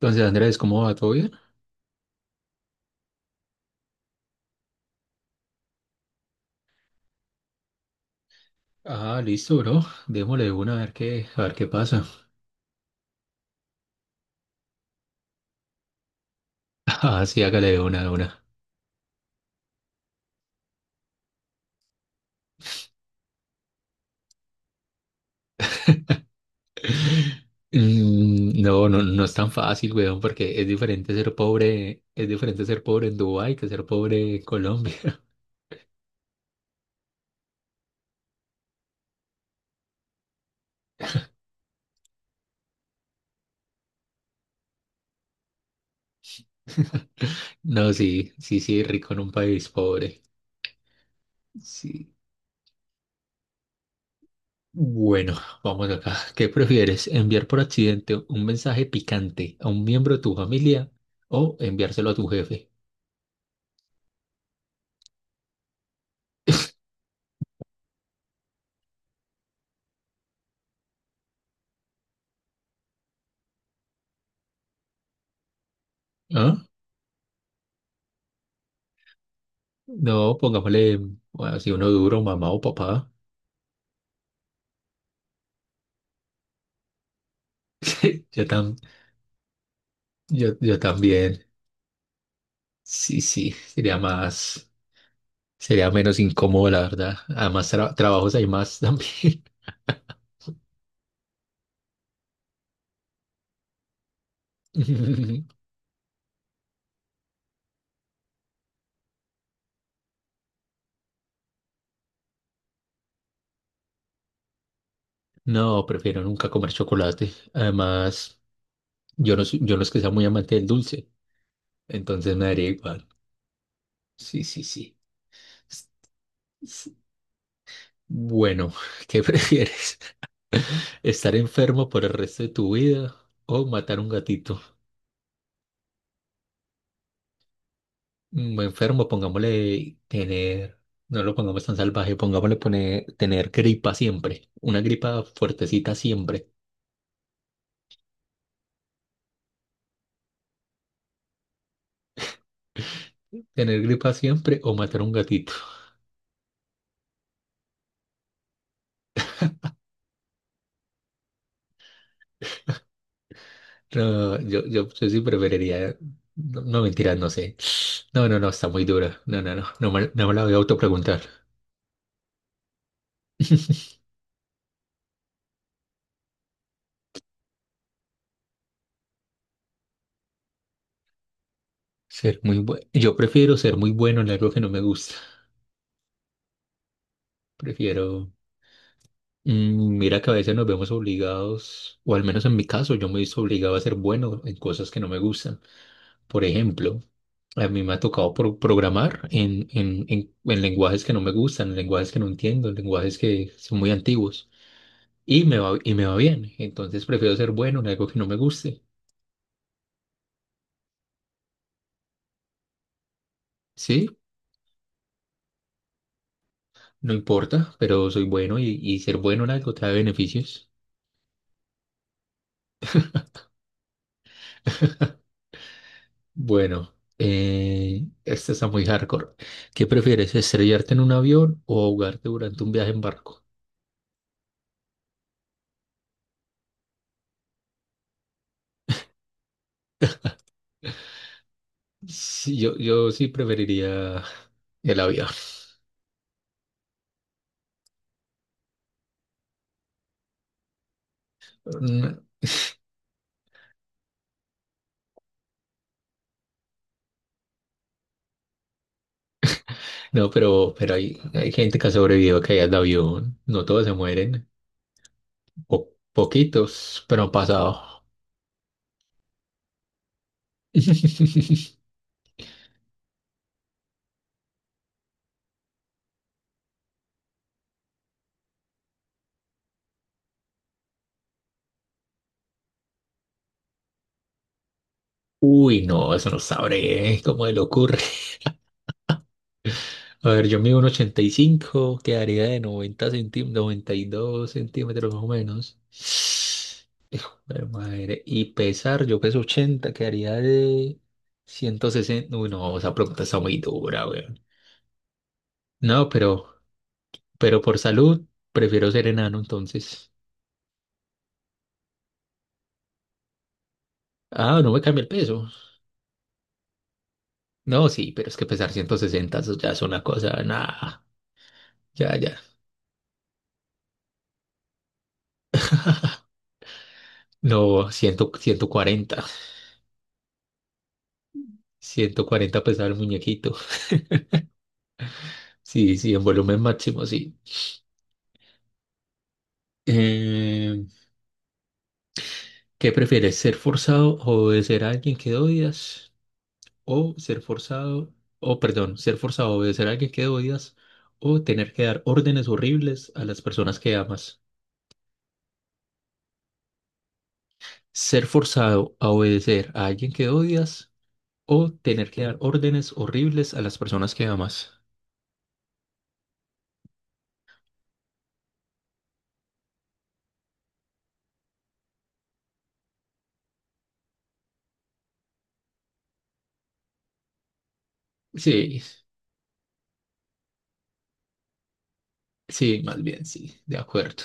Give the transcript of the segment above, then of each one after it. Entonces, Andrés, ¿cómo va? ¿Todo bien? Ah, listo, bro. Démosle de una a ver qué pasa. Ah, sí, hágale de una, de una. No, no, no es tan fácil, weón, porque es diferente ser pobre, es diferente ser pobre en Dubái que ser pobre en Colombia. No, sí, sí, sí, rico en un país pobre. Sí. Bueno, vamos acá. ¿Qué prefieres? ¿Enviar por accidente un mensaje picante a un miembro de tu familia o enviárselo a tu jefe? ¿Ah? No, pongámosle, bueno, si uno duro, mamá o papá. Yo, tam, yo también. Sí, sí, sería menos incómodo, la verdad. Además, trabajos hay más también. No, prefiero nunca comer chocolate. Además, yo no es que sea muy amante del dulce, entonces me daría igual. Sí, sí, sí. S- s- Bueno, ¿qué prefieres? ¿Estar enfermo por el resto de tu vida o matar un gatito? mm, enfermo, pongámosle tener, no lo pongamos tan salvaje, pongámosle tener gripa siempre, una gripa fuertecita siempre, tener gripa siempre o matar un gatito. No, yo sí preferiría, no, no mentiras, no sé. No, no, no, está muy dura. No, no, no, no me la voy a autopreguntar. Ser muy bueno. Yo prefiero ser muy bueno en algo que no me gusta. Prefiero. Mira que a veces nos vemos obligados, o al menos en mi caso, yo me he visto obligado a ser bueno en cosas que no me gustan. Por ejemplo, a mí me ha tocado programar en lenguajes que no me gustan, en lenguajes que no entiendo, en lenguajes que son muy antiguos y me va bien. Entonces prefiero ser bueno en algo que no me guste. Sí, no importa, pero soy bueno y ser bueno en algo trae beneficios. Bueno, esta está muy hardcore. ¿Qué prefieres, estrellarte en un avión o ahogarte durante un viaje en barco? Sí, yo sí preferiría el avión. No, pero hay gente que ha sobrevivido a caídas de avión. No todos se mueren. Poquitos, pero han pasado. Uy, no, eso no sabré, ¿eh? ¿Cómo se le ocurre? A ver, yo mido un 85, quedaría de 90 centímetros, 92 centímetros más o menos. Pero madre, y pesar, yo peso 80, quedaría de 160. Uy, no, esa pregunta está muy dura, weón. No, pero por salud, prefiero ser enano entonces. Ah, no me cambia el peso. No, sí, pero es que pesar 160 eso ya es una cosa, nada, ya, ya. No, 100, 140, 140 pesaba el muñequito. Sí, sí, en volumen máximo, sí. Eh, ¿Qué prefieres, ser forzado o obedecer a alguien que odias? O ser forzado, o perdón, ser forzado a obedecer a alguien que odias, o tener que dar órdenes horribles a las personas que amas. Ser forzado a obedecer a alguien que odias o tener que dar órdenes horribles a las personas que amas. Sí, sí, más bien, sí, de acuerdo.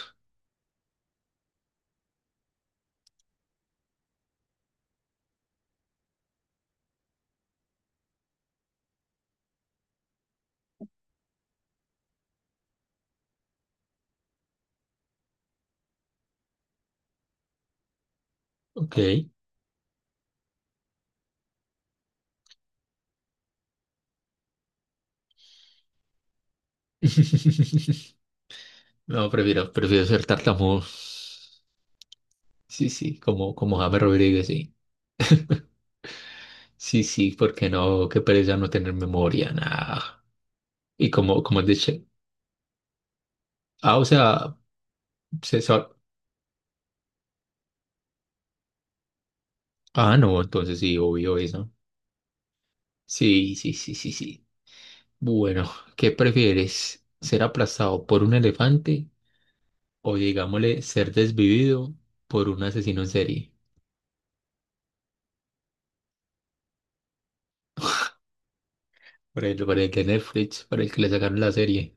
Ok. No, prefiero ser tartamudo. Sí, sí, como James Rodríguez, sí. Sí, sí, porque no, qué pereza no tener memoria, nada. Y como es de Che- Ah, o sea, se sa- Ah, no, entonces sí, obvio eso. Sí, sí, sí, sí, sí. Bueno, ¿qué prefieres? ¿Ser aplastado por un elefante o digámosle ser desvivido por un asesino en serie? Por ejemplo, para el que le sacaron la serie.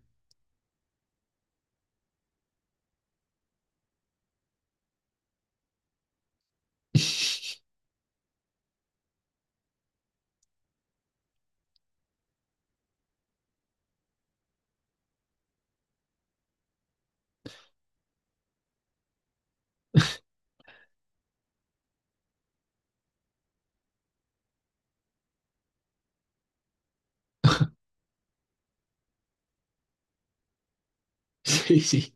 Sí, sí.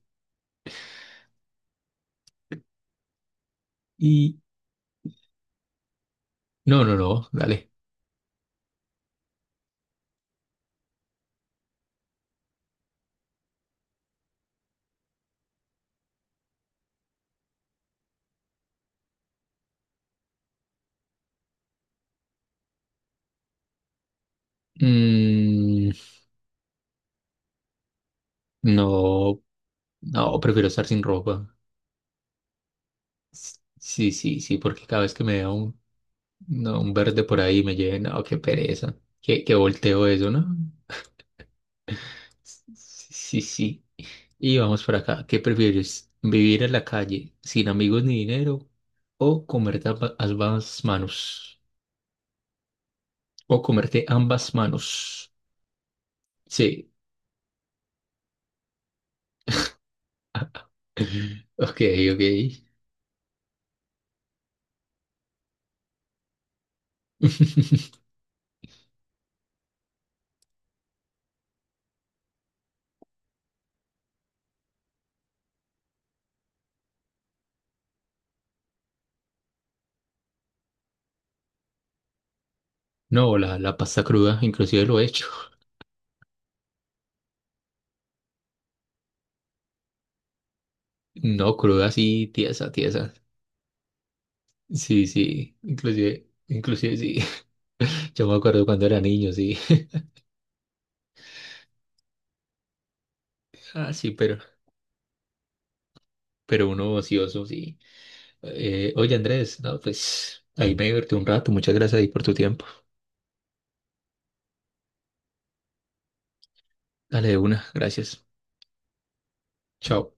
Y no, no, no, dale. Mm, no, no, prefiero estar sin ropa. Sí, sí, sí, porque cada vez que me da un, no, un verde por ahí me lleven, no, qué pereza. Que volteo eso, ¿no? S- Sí, sí. Y vamos por acá. ¿Qué prefieres? ¿Vivir en la calle sin amigos ni dinero o comerte ambas manos? O comerte ambas manos. Sí. Ok, ok. No, la pasta cruda, inclusive lo he hecho. No, cruda sí, tiesa, tiesa. Sí, sí, inclusive sí. Yo me acuerdo cuando era niño, sí. Ah, sí, pero uno ocioso, sí. Oye, Andrés, no, pues ahí me divertí un rato. Muchas gracias ahí por tu tiempo. Dale de una, gracias. Chao.